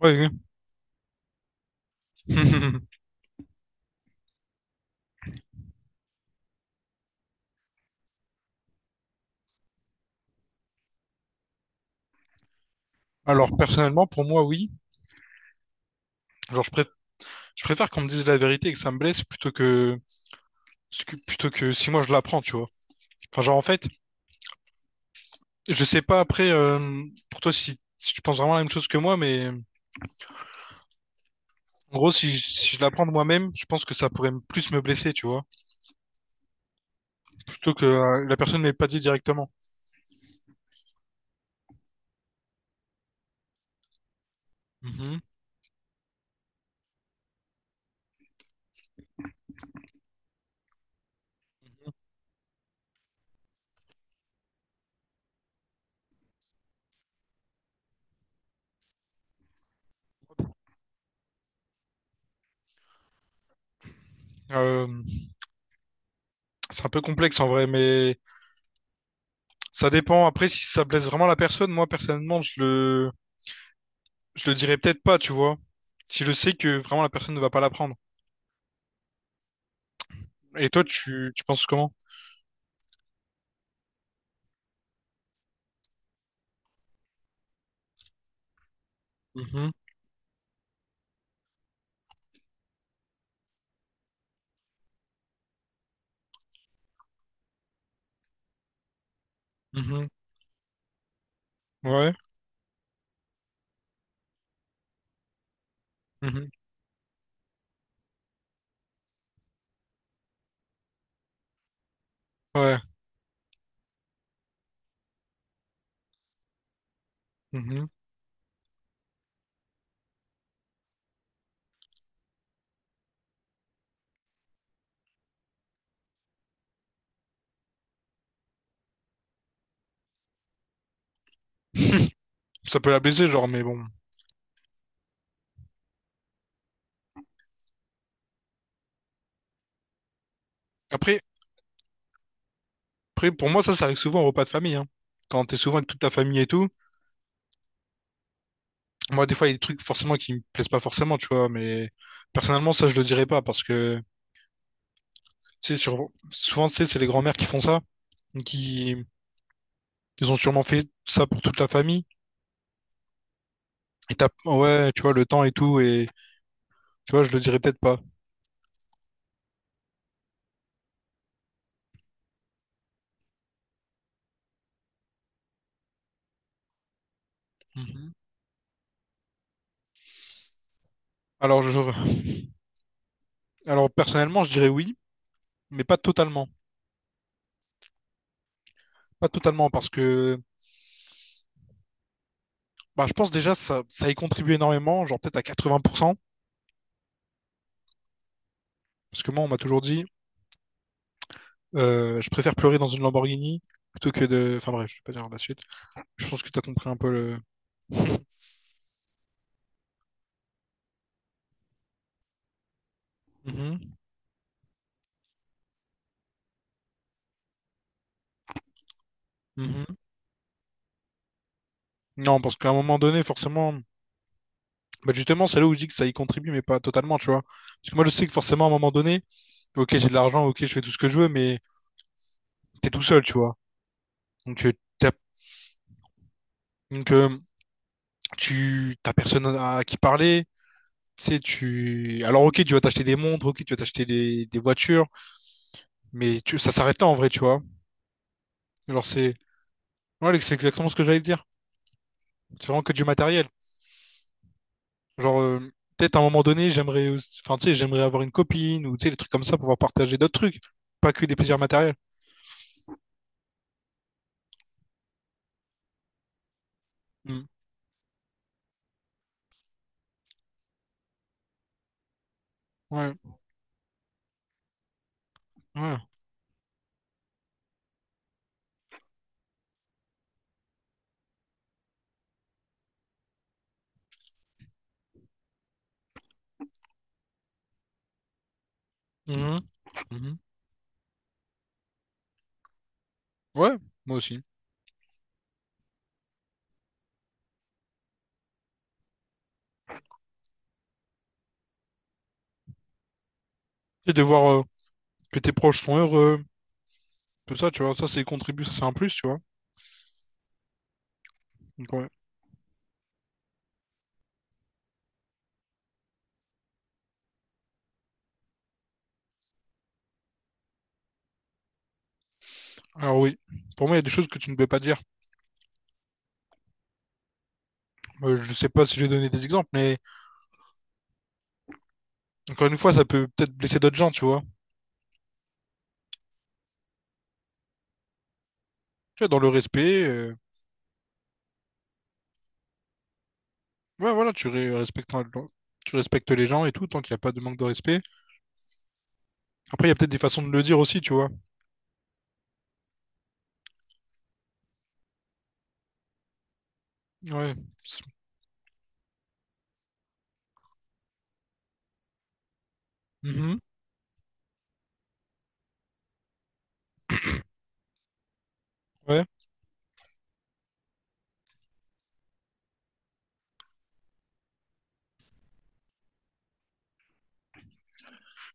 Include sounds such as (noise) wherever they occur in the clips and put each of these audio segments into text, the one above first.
Oui. Ouais. (laughs) Alors, personnellement, pour moi, oui. Genre, je préfère qu'on me dise la vérité et que ça me blesse plutôt que, plutôt que si moi je l'apprends, tu vois. Enfin, genre, en fait, je sais pas après, pour toi, si tu penses vraiment la même chose que moi, mais en gros, si, si je l'apprends de moi-même, je pense que ça pourrait plus me blesser, tu vois. Plutôt que la personne ne m'ait pas dit directement. Mhm. Euh, c'est un peu complexe en vrai, mais ça dépend. Après, si ça blesse vraiment la personne, moi, personnellement, je le dirais peut-être pas, tu vois. Si je sais que vraiment la personne ne va pas l'apprendre. Et toi, tu penses comment? Mhm, mhm, ouais, mhm, ouais, mhm. Ça peut la blesser, genre, mais bon. Après, après, pour moi, ça arrive souvent au repas de famille, hein. Quand t'es souvent avec toute ta famille et tout. Moi, des fois, il y a des trucs forcément qui me plaisent pas forcément, tu vois, mais personnellement, ça, je le dirais pas parce que, tu sais, souvent, tu sais, c'est les grands-mères qui font ça, qui, ils ont sûrement fait ça pour toute la famille. Et t'as, ouais, tu vois, le temps et tout, et tu vois, je le dirais peut-être pas. Mhm. Alors, je, alors personnellement, je dirais oui, mais pas totalement. Pas totalement, parce que bah, je pense déjà ça, ça y contribue énormément, genre peut-être à 80%. Parce que moi, on m'a toujours dit, je préfère pleurer dans une Lamborghini plutôt que de... Enfin bref, je vais pas dire la suite. Je pense que tu as compris un peu le... Mhm, mhm. Non, parce qu'à un moment donné, forcément, bah, justement, c'est là où je dis que ça y contribue, mais pas totalement, tu vois. Parce que moi, je sais que forcément, à un moment donné, ok, j'ai de l'argent, ok, je fais tout ce que je veux, mais t'es tout seul, tu vois. Donc, euh, t'as, donc, tu t'as personne à qui parler. Tu sais, tu... Alors, ok, tu vas t'acheter des montres, ok, tu vas t'acheter des voitures, mais tu... ça s'arrête là en vrai, tu vois. Genre, c'est ouais, c'est exactement ce que j'allais te dire. C'est vraiment que du matériel. Genre, peut-être à un moment donné, enfin, tu sais, j'aimerais avoir une copine ou tu sais, des trucs comme ça pour pouvoir partager d'autres trucs, pas que des plaisirs matériels. Mm. Ouais, ouais. Mhm. Mhm. Ouais, moi aussi. Et de voir que tes proches sont heureux. Tout ça, tu vois. Ça, c'est contribuer, ça, c'est un plus, tu vois. Donc, ouais. Alors oui, pour moi, il y a des choses que tu ne peux pas dire. Je sais pas si j'ai donné des exemples, mais encore une fois, ça peut peut-être blesser d'autres gens, tu vois. Tu vois, dans le respect, ouais, voilà, respectes, tu respectes les gens et tout, tant qu'il n'y a pas de manque de respect. Après, il y a peut-être des façons de le dire aussi, tu vois. Ouais. C'est- Mhm. Ouais.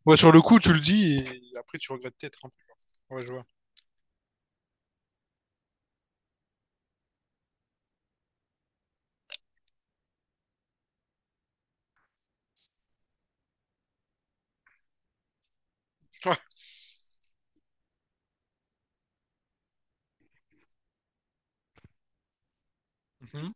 Ouais, sur le coup, tu le dis et après, tu regrettes peut-être un peu. Ouais, je vois. (laughs) Ouais. Mhm.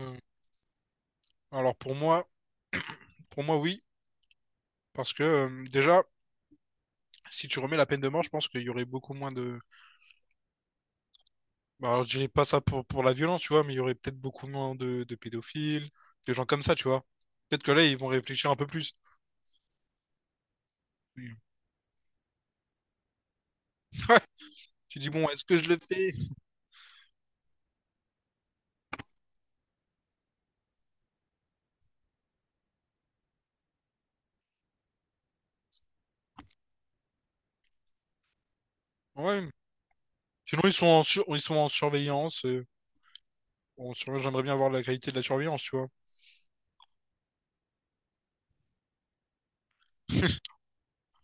Euh, Alors pour moi, pour moi, oui, parce que déjà, si tu remets la peine de mort, je pense qu'il y aurait beaucoup moins de bah, alors, je dirais pas ça pour la violence, tu vois, mais il y aurait peut-être beaucoup moins de pédophiles, de gens comme ça, tu vois. Peut-être que là, ils vont réfléchir un peu plus. Oui. Tu dis, bon, est-ce que je le fais? Ouais. Sinon, ils sont en, ils sont en surveillance. J'aimerais bien avoir la qualité de la surveillance, tu vois. (laughs)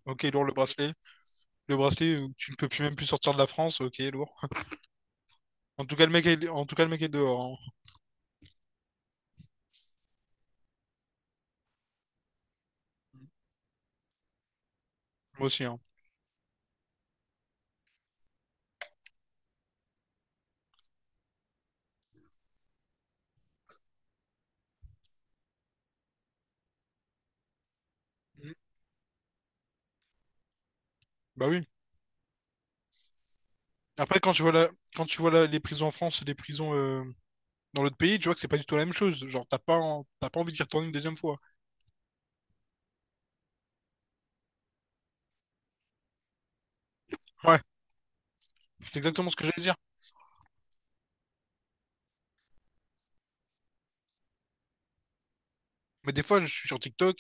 Ok, lourd le bracelet. Le bracelet, tu ne peux plus même plus sortir de la France. Ok, lourd. En tout cas, en tout cas, le mec est dehors, hein. Moi aussi, hein. Mm. Bah oui. Après, quand tu vois les prisons en France et les prisons dans l'autre pays, tu vois que c'est pas du tout la même chose. Genre, t'as pas envie d'y retourner une deuxième fois. Ouais, c'est exactement ce que j'allais dire. Mais des fois, je suis sur TikTok,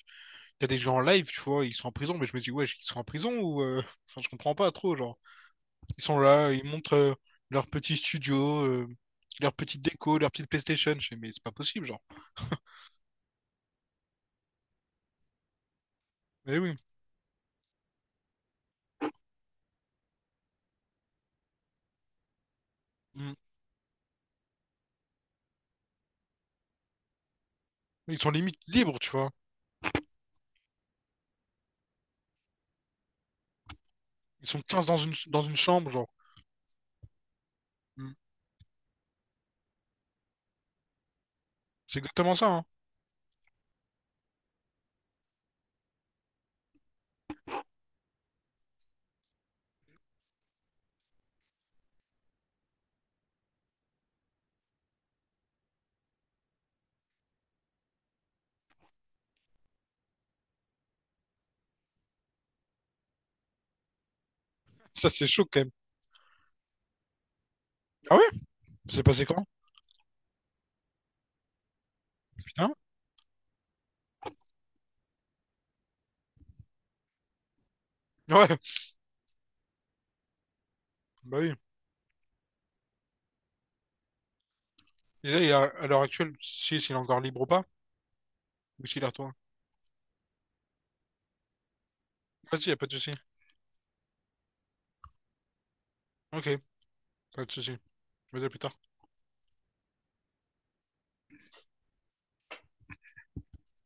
il y a des gens en live, tu vois, ils sont en prison, mais je me dis, ouais, ils sont en prison ou (laughs) enfin, je comprends pas trop, genre. Ils sont là, ils montrent leur petit studio, leur petite déco, leur petite PlayStation. Je fais, mais c'est pas possible, genre. Mais oui. Mm. Ils sont limite libres, tu vois. Ils sont 15 dans une chambre, genre. Mm. C'est exactement ça, hein. Ça, c'est chaud quand même. Ah ouais? C'est passé quand? Putain. Ouais, bah oui. Déjà, à l'heure actuelle, si sais s'il est encore libre ou pas, ou s'il est retourné. Vas-y, y a pas de souci. Ok, pas de souci. Vas-y, à plus tard.